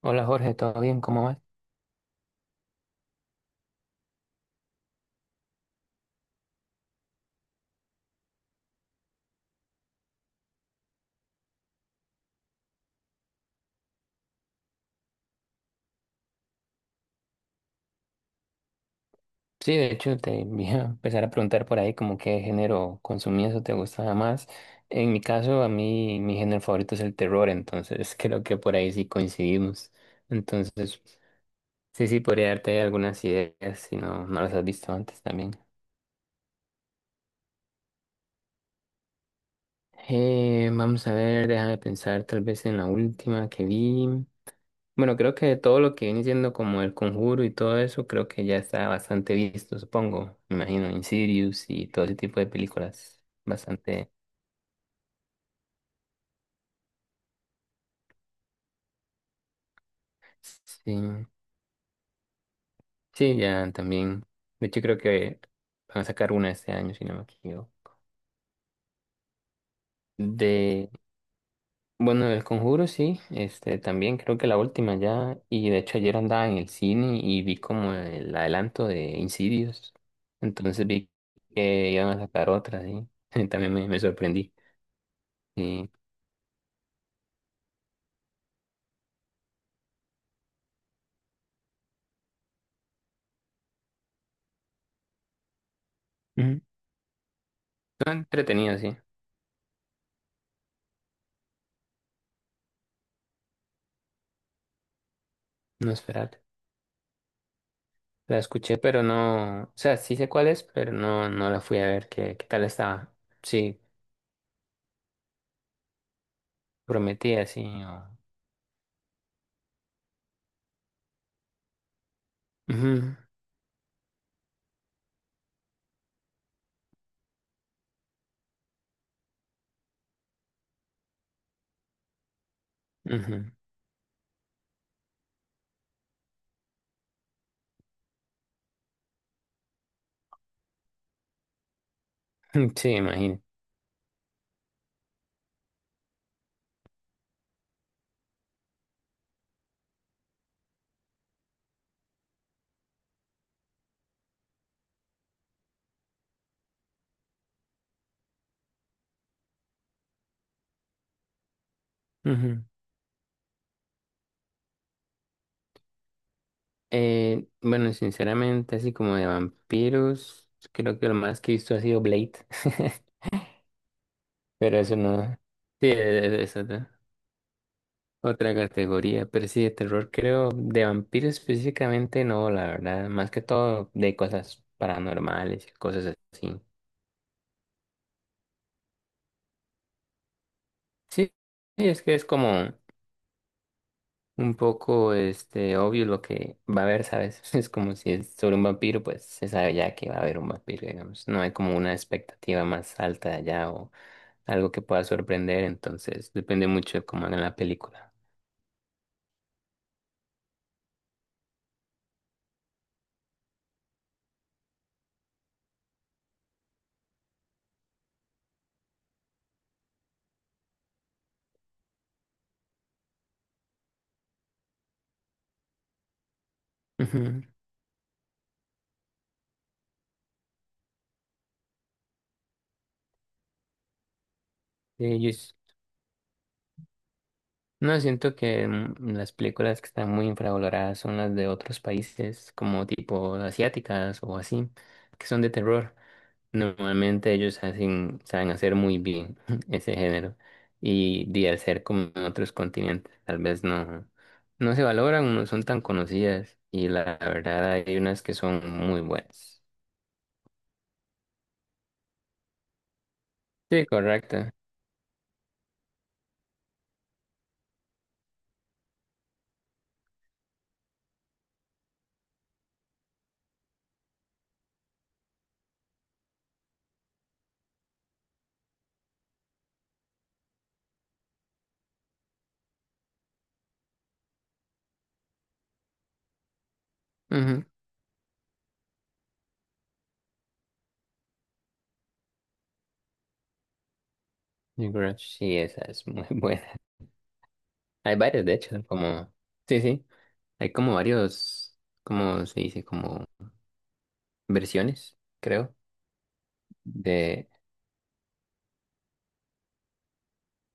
Hola Jorge, ¿todo bien? ¿Cómo vas? Sí, de hecho te voy a empezar a preguntar por ahí como qué género consumías o te gustaba más. En mi caso, a mí mi género favorito es el terror, entonces creo que por ahí sí coincidimos. Entonces, sí, podría darte algunas ideas si no las has visto antes también. Vamos a ver, déjame pensar tal vez en la última que vi. Bueno, creo que todo lo que viene siendo como el conjuro y todo eso, creo que ya está bastante visto, supongo. Me imagino Insidious y todo ese tipo de películas. Bastante. Sí, sí, ya también. De hecho, creo que van a sacar una este año, si no me equivoco. De, bueno, del conjuro, sí. Este, también creo que la última ya. Y de hecho, ayer andaba en el cine y vi como el adelanto de Insidious. Entonces vi que iban a sacar otra, sí. También me sorprendí. Sí. Ujú. Está entretenido, sí. No esperate. La escuché, pero no. O sea, sí sé cuál es, pero no, no la fui a ver qué tal estaba. Sí, prometía, sí. Ujú, ujú. Sí, imagino. Ujú. Bueno, sinceramente, así como de vampiros, creo que lo más que he visto ha sido Blade. Pero eso no. Sí, eso. ¿No? Otra categoría, pero sí, de terror creo, de vampiros específicamente no, la verdad, más que todo de cosas paranormales y cosas así. Sí, sí, es que es como un poco este obvio lo que va a haber, ¿sabes? Es como si es sobre un vampiro, pues se sabe ya que va a haber un vampiro, digamos. No hay como una expectativa más alta allá o algo que pueda sorprender, entonces depende mucho de cómo hagan la película. Ujú. Sí, yo no, siento que las películas que están muy infravaloradas son las de otros países, como tipo asiáticas o así, que son de terror. Normalmente ellos hacen, saben hacer muy bien ese género. Y de al ser como en otros continentes, tal vez no se valoran, no son tan conocidas. Y la verdad hay unas que son muy buenas. Sí, correcto. Ujú. Yo creo sí, esa es muy buena. Hay varias, de hecho, como... Sí, sí. Hay como varios, ¿cómo se dice? Como versiones, creo, de...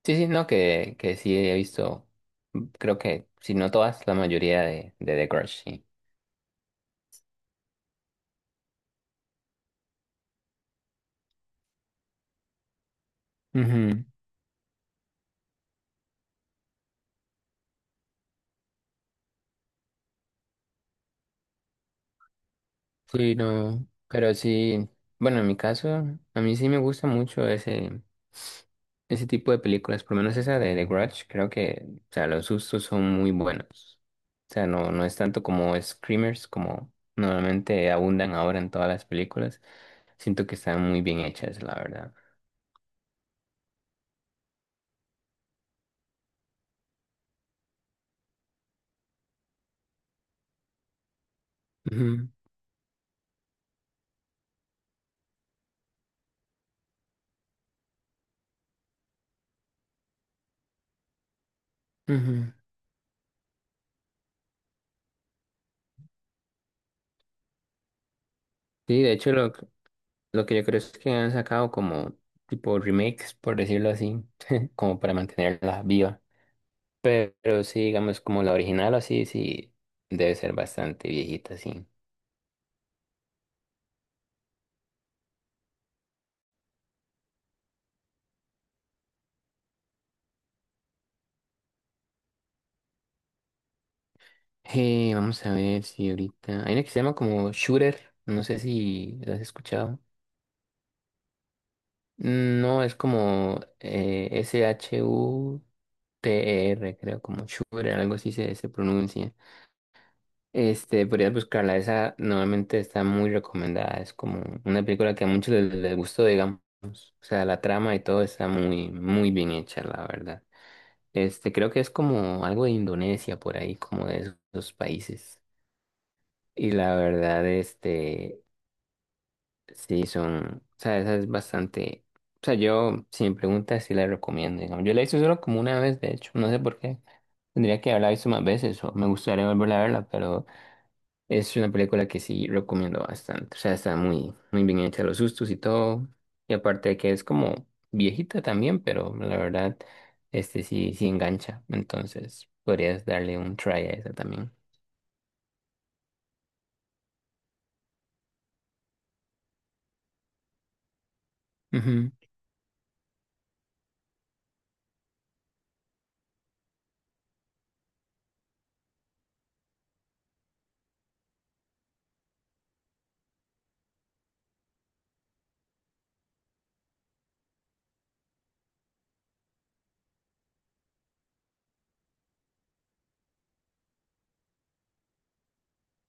Sí, sí, no, que sí he visto, creo que, si no todas, la mayoría de The Grudge, sí. Ujú. Sí, no, pero sí, bueno, en mi caso, a mí sí me gusta mucho ese tipo de películas, por lo menos esa de The Grudge, creo que, o sea, los sustos son muy buenos. O sea, no es tanto como screamers, como normalmente abundan ahora en todas las películas. Siento que están muy bien hechas, la verdad. Ujú, ujú. Sí, de hecho, lo que yo creo es que han sacado como tipo remakes, por decirlo así, como para mantenerla viva. Pero, sí, digamos, como la original o así, sí, debe ser bastante viejita, sí. Vamos a ver si ahorita... Hay una que se llama como Shooter, no sé si la has escuchado. No, es como SHUTER, creo, como Shure, algo así se pronuncia. Este, podrías buscarla, esa normalmente está muy recomendada, es como una película que a muchos les gustó, digamos. O sea, la trama y todo está muy bien hecha, la verdad. Este, creo que es como algo de Indonesia por ahí, como de esos países. Y la verdad, este, sí, son, o sea, esa es bastante, o sea, yo, si me preguntas, sí la recomiendo, digamos. Yo la hice solo como una vez, de hecho, no sé por qué. Tendría que haberla visto más veces o me gustaría volver a verla, pero es una película que sí recomiendo bastante. O sea, está muy bien hecha, los sustos y todo. Y aparte de que es como viejita también, pero la verdad, este sí engancha. Entonces, podrías darle un try a esa también.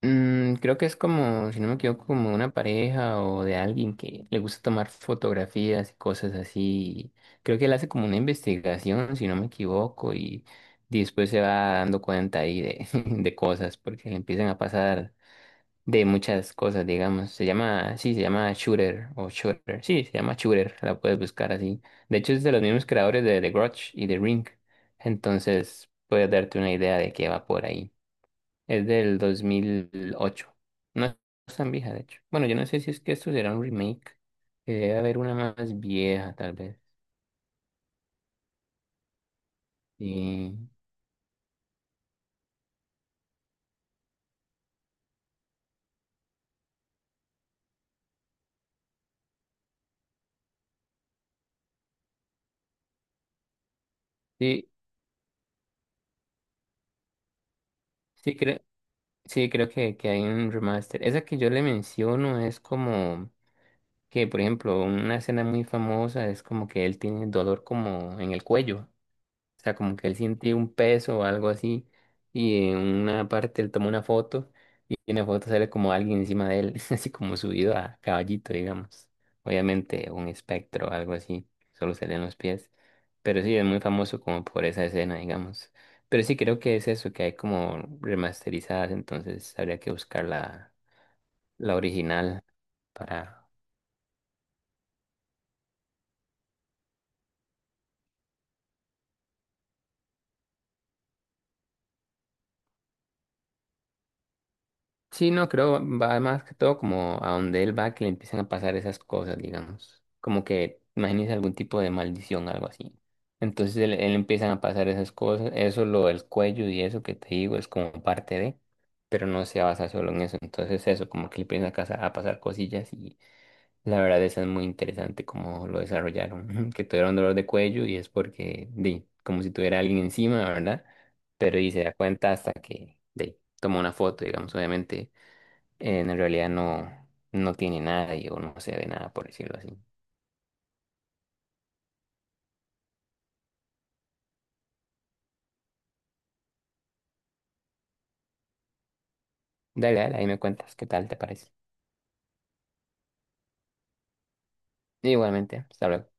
Mm, creo que es como, si no me equivoco, como una pareja o de alguien que le gusta tomar fotografías y cosas así. Creo que él hace como una investigación, si no me equivoco, y después se va dando cuenta ahí de, de cosas, porque le empiezan a pasar de muchas cosas, digamos. Se llama, sí, se llama Shooter o Shooter. Sí, se llama Shooter, la puedes buscar así. De hecho, es de los mismos creadores de The Grudge y The Ring. Entonces, puedes darte una idea de qué va por ahí. Es del 2008. No es tan vieja, de hecho. Bueno, yo no sé si es que esto será un remake, que debe haber una más vieja, tal vez. Sí, sí, sí, creo, sí, creo que hay un remaster. Esa que yo le menciono es como que, por ejemplo, una escena muy famosa es como que él tiene dolor como en el cuello. O sea, como que él siente un peso o algo así. Y en una parte él toma una foto y en la foto sale como alguien encima de él, así como subido a caballito, digamos. Obviamente un espectro o algo así, solo se leen los pies. Pero sí, es muy famoso como por esa escena, digamos. Pero sí creo que es eso, que hay como remasterizadas, entonces habría que buscar la, la original para sí, no, creo, va más que todo como a donde él va que le empiezan a pasar esas cosas, digamos. Como que, imagínese algún tipo de maldición, algo así. Entonces él empiezan a pasar esas cosas, eso, lo del cuello y eso que te digo es como parte de, pero no se basa solo en eso. Entonces eso, como que le empiezan a, a pasar cosillas y la verdad eso es muy interesante como lo desarrollaron, que tuvieron dolor de cuello y es porque, di, como si tuviera alguien encima, ¿verdad? Pero y se da cuenta hasta de toma una foto, digamos, obviamente en realidad no tiene nada y o no se ve nada, por decirlo así. Dale, ahí me cuentas qué tal te parece. Igualmente, hasta luego.